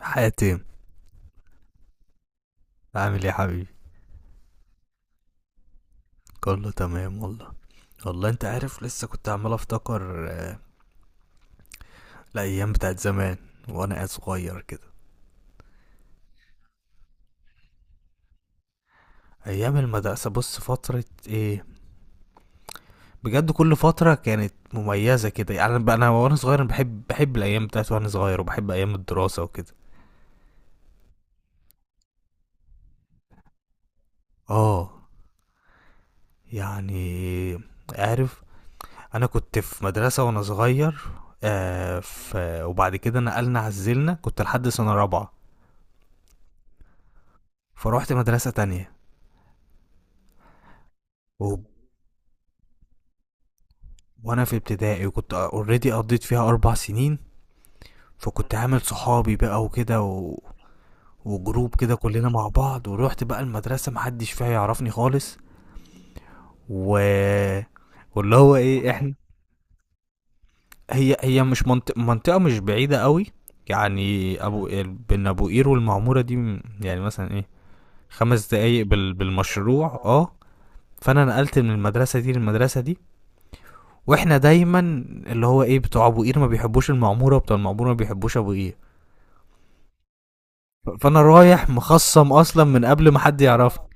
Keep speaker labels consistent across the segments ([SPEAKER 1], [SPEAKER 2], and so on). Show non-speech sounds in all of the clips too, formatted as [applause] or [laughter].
[SPEAKER 1] حاتم، عامل ايه يا حبيبي؟ كله تمام والله. والله انت عارف لسه كنت عمال افتكر الايام بتاعت زمان وانا صغير كده. ايام المدرسه بص فتره ايه، بجد كل فتره كانت مميزه كده. يعني انا وانا صغير، أنا بحب الايام بتاعت وانا صغير وبحب ايام الدراسه وكده. اه يعني عارف، انا كنت في مدرسه وانا صغير آه ف... وبعد كده نقلنا عزلنا، كنت لحد سنه رابعه، فروحت مدرسه تانية. وب- وانا في ابتدائي وكنت اوريدي قضيت فيها 4 سنين، فكنت عامل صحابي بقى وكده وجروب كده كلنا مع بعض. ورحت بقى المدرسة محدش فيها يعرفني خالص. و واللي هو ايه احنا، هي مش منطقة مش بعيدة قوي. يعني ابو، بين ابو قير والمعمورة دي يعني مثلا ايه، 5 دقايق بالمشروع اه. فانا نقلت من المدرسة دي للمدرسة دي. واحنا دايما اللي هو ايه، بتوع ابو قير ما بيحبوش المعمورة، وبتوع المعمورة ما بيحبوش ابو قير. فانا رايح مخصم اصلا من قبل ما حد يعرفني.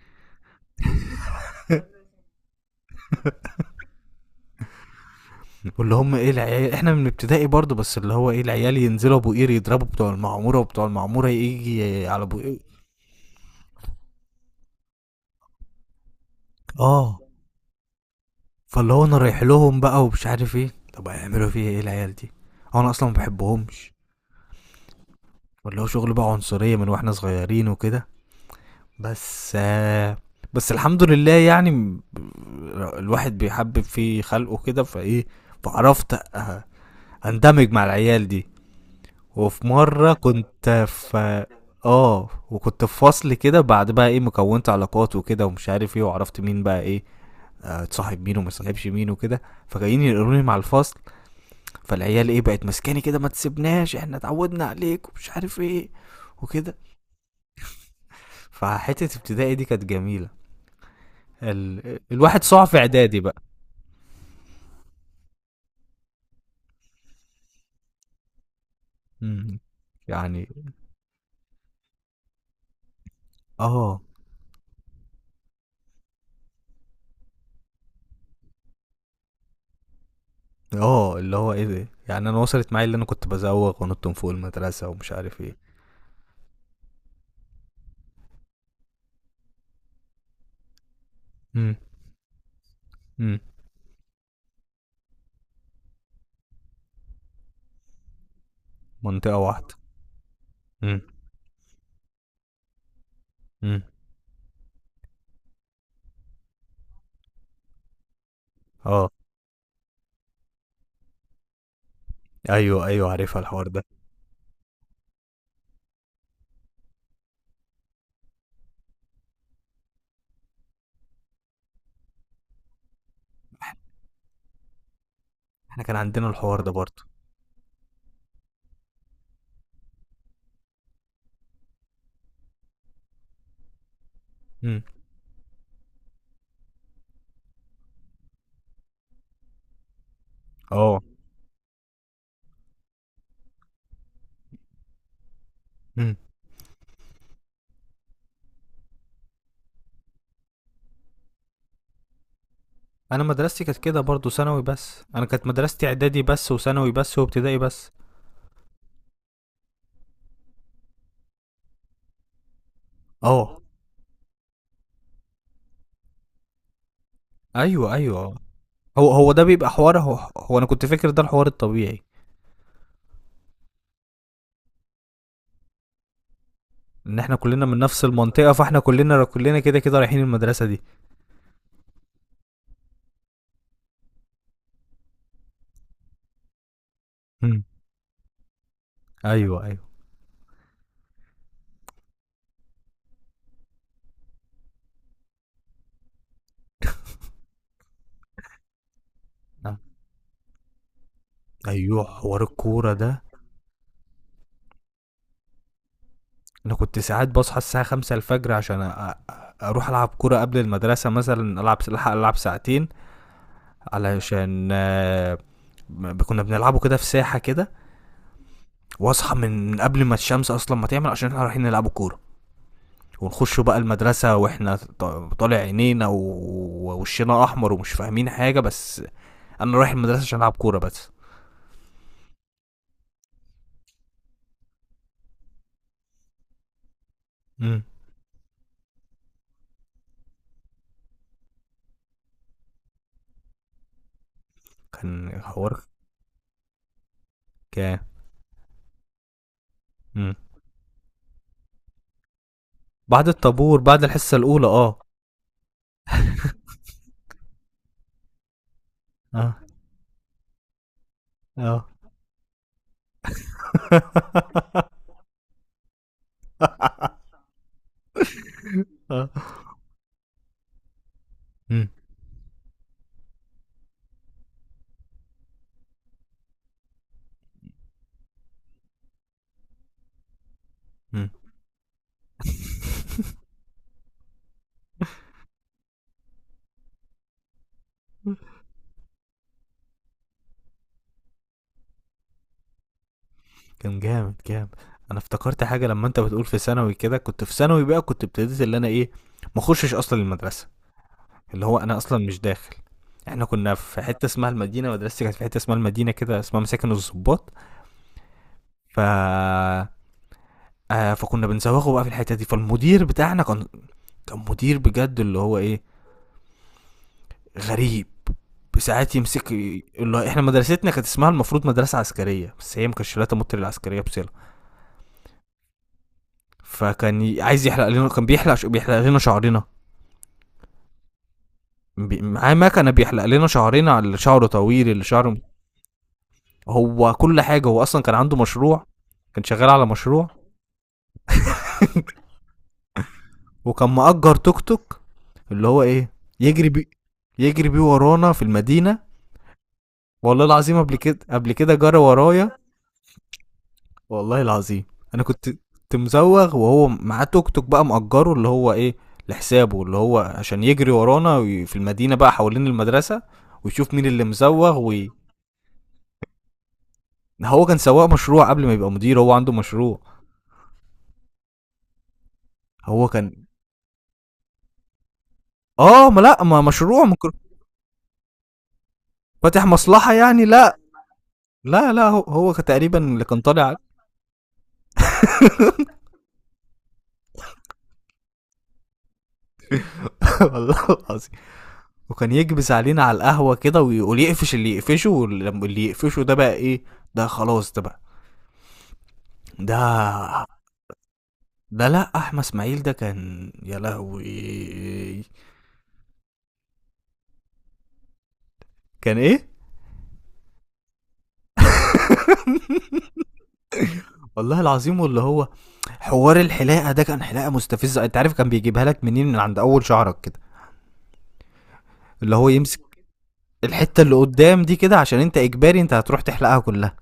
[SPEAKER 1] واللي هم ايه العيال، احنا من ابتدائي برضو، بس اللي هو ايه العيال ينزلوا ابو قير يضربوا بتوع المعموره، وبتوع المعموره يجي على ابو قير. اه، فاللي هو انا رايح لهم بقى ومش عارف ايه، طب هيعملوا فيا ايه العيال دي؟ هو انا اصلا ما بحبهمش. واللي هو شغل بقى عنصريه من واحنا صغيرين وكده. بس آه، بس الحمد لله يعني الواحد بيحبب في خلقه كده فايه، فعرفت أ- اندمج مع العيال دي. وفي مرة كنت في، اه، وكنت في فصل كده، بعد بقى ايه مكونت علاقات وكده ومش عارف ايه، وعرفت مين بقى ايه، اتصاحب مين وما اتصاحبش مين وكده. فجايين يقروني مع الفصل، فالعيال ايه بقت ماسكاني كده، ما تسيبناش احنا اتعودنا عليك ومش عارف ايه وكده. فحتة ابتدائي دي كانت جميلة. الواحد صاع في اعدادي بقى. مم. يعني اه اه، اللي هو ايه ده، يعني انا وصلت معايا اللي انا كنت بزوغ ونط من فوق المدرسة ومش عارف ايه. امم، منطقة واحدة. امم. امم. اه. ايوه ايوه عارفها الحوار ده. احنا كان عندنا الحوار ده برضه. امم. اه. امم. انا مدرستي كانت كده برضه ثانوي بس، انا كانت مدرستي اعدادي بس وثانوي بس وابتدائي بس. اه. ايوه ايوه. هو ده بيبقى حوار، هو انا كنت فاكر ده الحوار الطبيعي، ان احنا كلنا من نفس المنطقة، فاحنا كلنا كده كده رايحين المدرسة دي. امم. ايوه ايوه. آه. ايوه حوار الكورة ده. انا كنت ساعات بصحى الساعه 5 الفجر عشان أ- اروح العب كوره قبل المدرسه، مثلا العب، الحق العب ساعتين، علشان كنا بنلعبه كده في ساحه كده. واصحى من قبل ما الشمس اصلا ما تعمل، عشان احنا رايحين نلعب كوره. ونخش بقى المدرسة واحنا طالع عينينا ووشنا احمر ومش فاهمين حاجة، بس انا رايح المدرسة عشان العب كورة بس. امم. كان حوار. كان. امم. بعد الطابور بعد الحصة الاولى اه. اه. اه. [laughs] اه. [applause] مم. مم. [laughs] كان جامد جامد. انا افتكرت حاجه لما انت بتقول في ثانوي كده، كنت في ثانوي بقى كنت ابتديت اللي انا ايه، ما اخشش اصلا المدرسه. اللي هو انا اصلا مش داخل. احنا كنا في حته اسمها المدينه، مدرستي كانت في حته اسمها المدينه كده، اسمها مساكن الضباط. ف فكنا بنزوغه بقى في الحته دي. فالمدير بتاعنا كان، كان مدير بجد اللي هو ايه، غريب. بساعات يمسك اللي هو احنا مدرستنا كانت اسمها المفروض مدرسه عسكريه، بس هي ما كانتش لا تمت للعسكريه بس. فكان عايز يحلق لنا، كان بيحلق بيحلق لنا شعرنا. معاه مكنه بيحلق لنا شعرنا، على اللي شعره طويل اللي شعره. هو كل حاجه، هو اصلا كان عنده مشروع، كان شغال على مشروع. وكان مأجر توك توك، اللي هو ايه، يجري بي يجري بيه ورانا في المدينه. والله العظيم قبل كده، قبل كده جرى ورايا، والله العظيم. انا كنت مزوغ وهو معاه توك توك بقى مأجره، اللي هو ايه، لحسابه، اللي هو عشان يجري ورانا في المدينه بقى حوالين المدرسه، ويشوف مين اللي مزوغ هو كان سواق مشروع قبل ما يبقى مدير، هو عنده مشروع. هو كان، اه ما لا، ما مشروع فاتح مصلحة يعني. لا لا لا، هو كان تقريبا اللي كان طالع. [laughs] والله العظيم. وكان يكبس علينا على القهوة كده، ويقول يقفش اللي يقفشه، واللي يقفشه ده بقى ايه، ده خلاص ده بقى، ده، ده لا احمد اسماعيل ده، كان يا لهوي. كان ايه، والله العظيم. واللي هو حوار الحلاقه ده، كان حلاقه مستفزه. انت عارف كان بيجيبها لك منين، من عند اول شعرك كده. اللي هو يمسك الحته اللي قدام دي كده، عشان انت اجباري انت هتروح تحلقها كلها.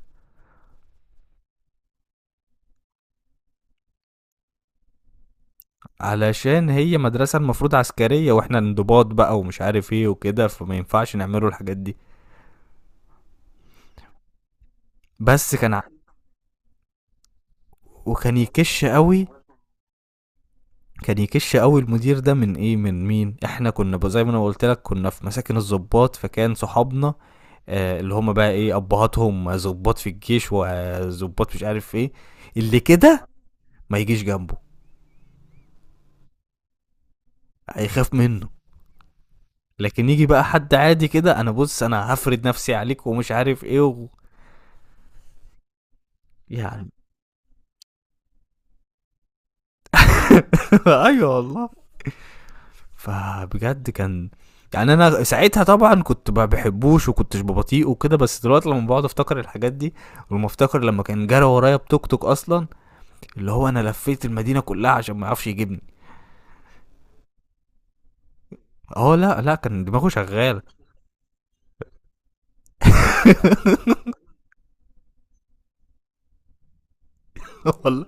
[SPEAKER 1] علشان هي مدرسه المفروض عسكريه، واحنا انضباط بقى ومش عارف ايه وكده، فما ينفعش نعمله الحاجات دي. بس كان ع- وكان يكش قوي. كان يكش قوي المدير ده من ايه، من مين؟ احنا كنا زي ما انا قلت لك، كنا في مساكن الضباط، فكان صحابنا آه اللي هم بقى ايه ابهاتهم ضباط في الجيش وضباط مش عارف ايه، اللي كده ما يجيش جنبه، هيخاف منه. لكن يجي بقى حد عادي كده، انا بص انا هفرد نفسي عليك ومش عارف ايه يعني. [laughs] [applause] ايوه والله. فبجد كان يعني، انا ساعتها طبعا كنت ما بحبوش وكنتش ببطيء وكده، بس دلوقتي لما بقعد افتكر الحاجات دي، ولما افتكر لما كان جرى ورايا بتوك توك اصلا، اللي هو انا لفيت المدينه كلها عشان ما يعرفش يجيبني. اه لا لا، كان دماغه شغاله. [laughs] [applause] والله.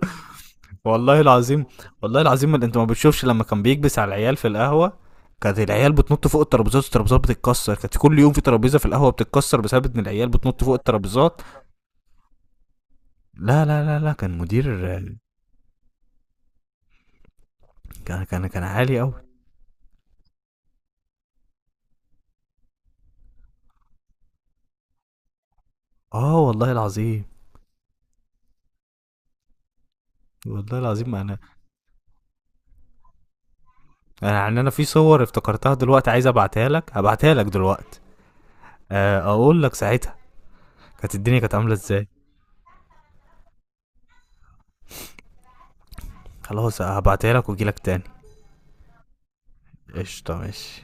[SPEAKER 1] والله العظيم، والله العظيم ما انت ما بتشوفش لما كان بيكبس على العيال في القهوة، كانت العيال بتنط فوق الترابيزات والترابيزات بتتكسر. كانت كل يوم في ترابيزة في القهوة بتتكسر بسبب ان العيال بتنط فوق الترابيزات. لا لا لا لا، كان مدير. كان عالي قوي. اه والله العظيم، والله العظيم. انا يعني، انا في صور افتكرتها دلوقتي عايز ابعتها لك، هبعتها لك دلوقتي، اقول لك ساعتها كانت الدنيا كانت عاملة ازاي. خلاص هبعتها لك واجي لك تاني. قشطة ماشي.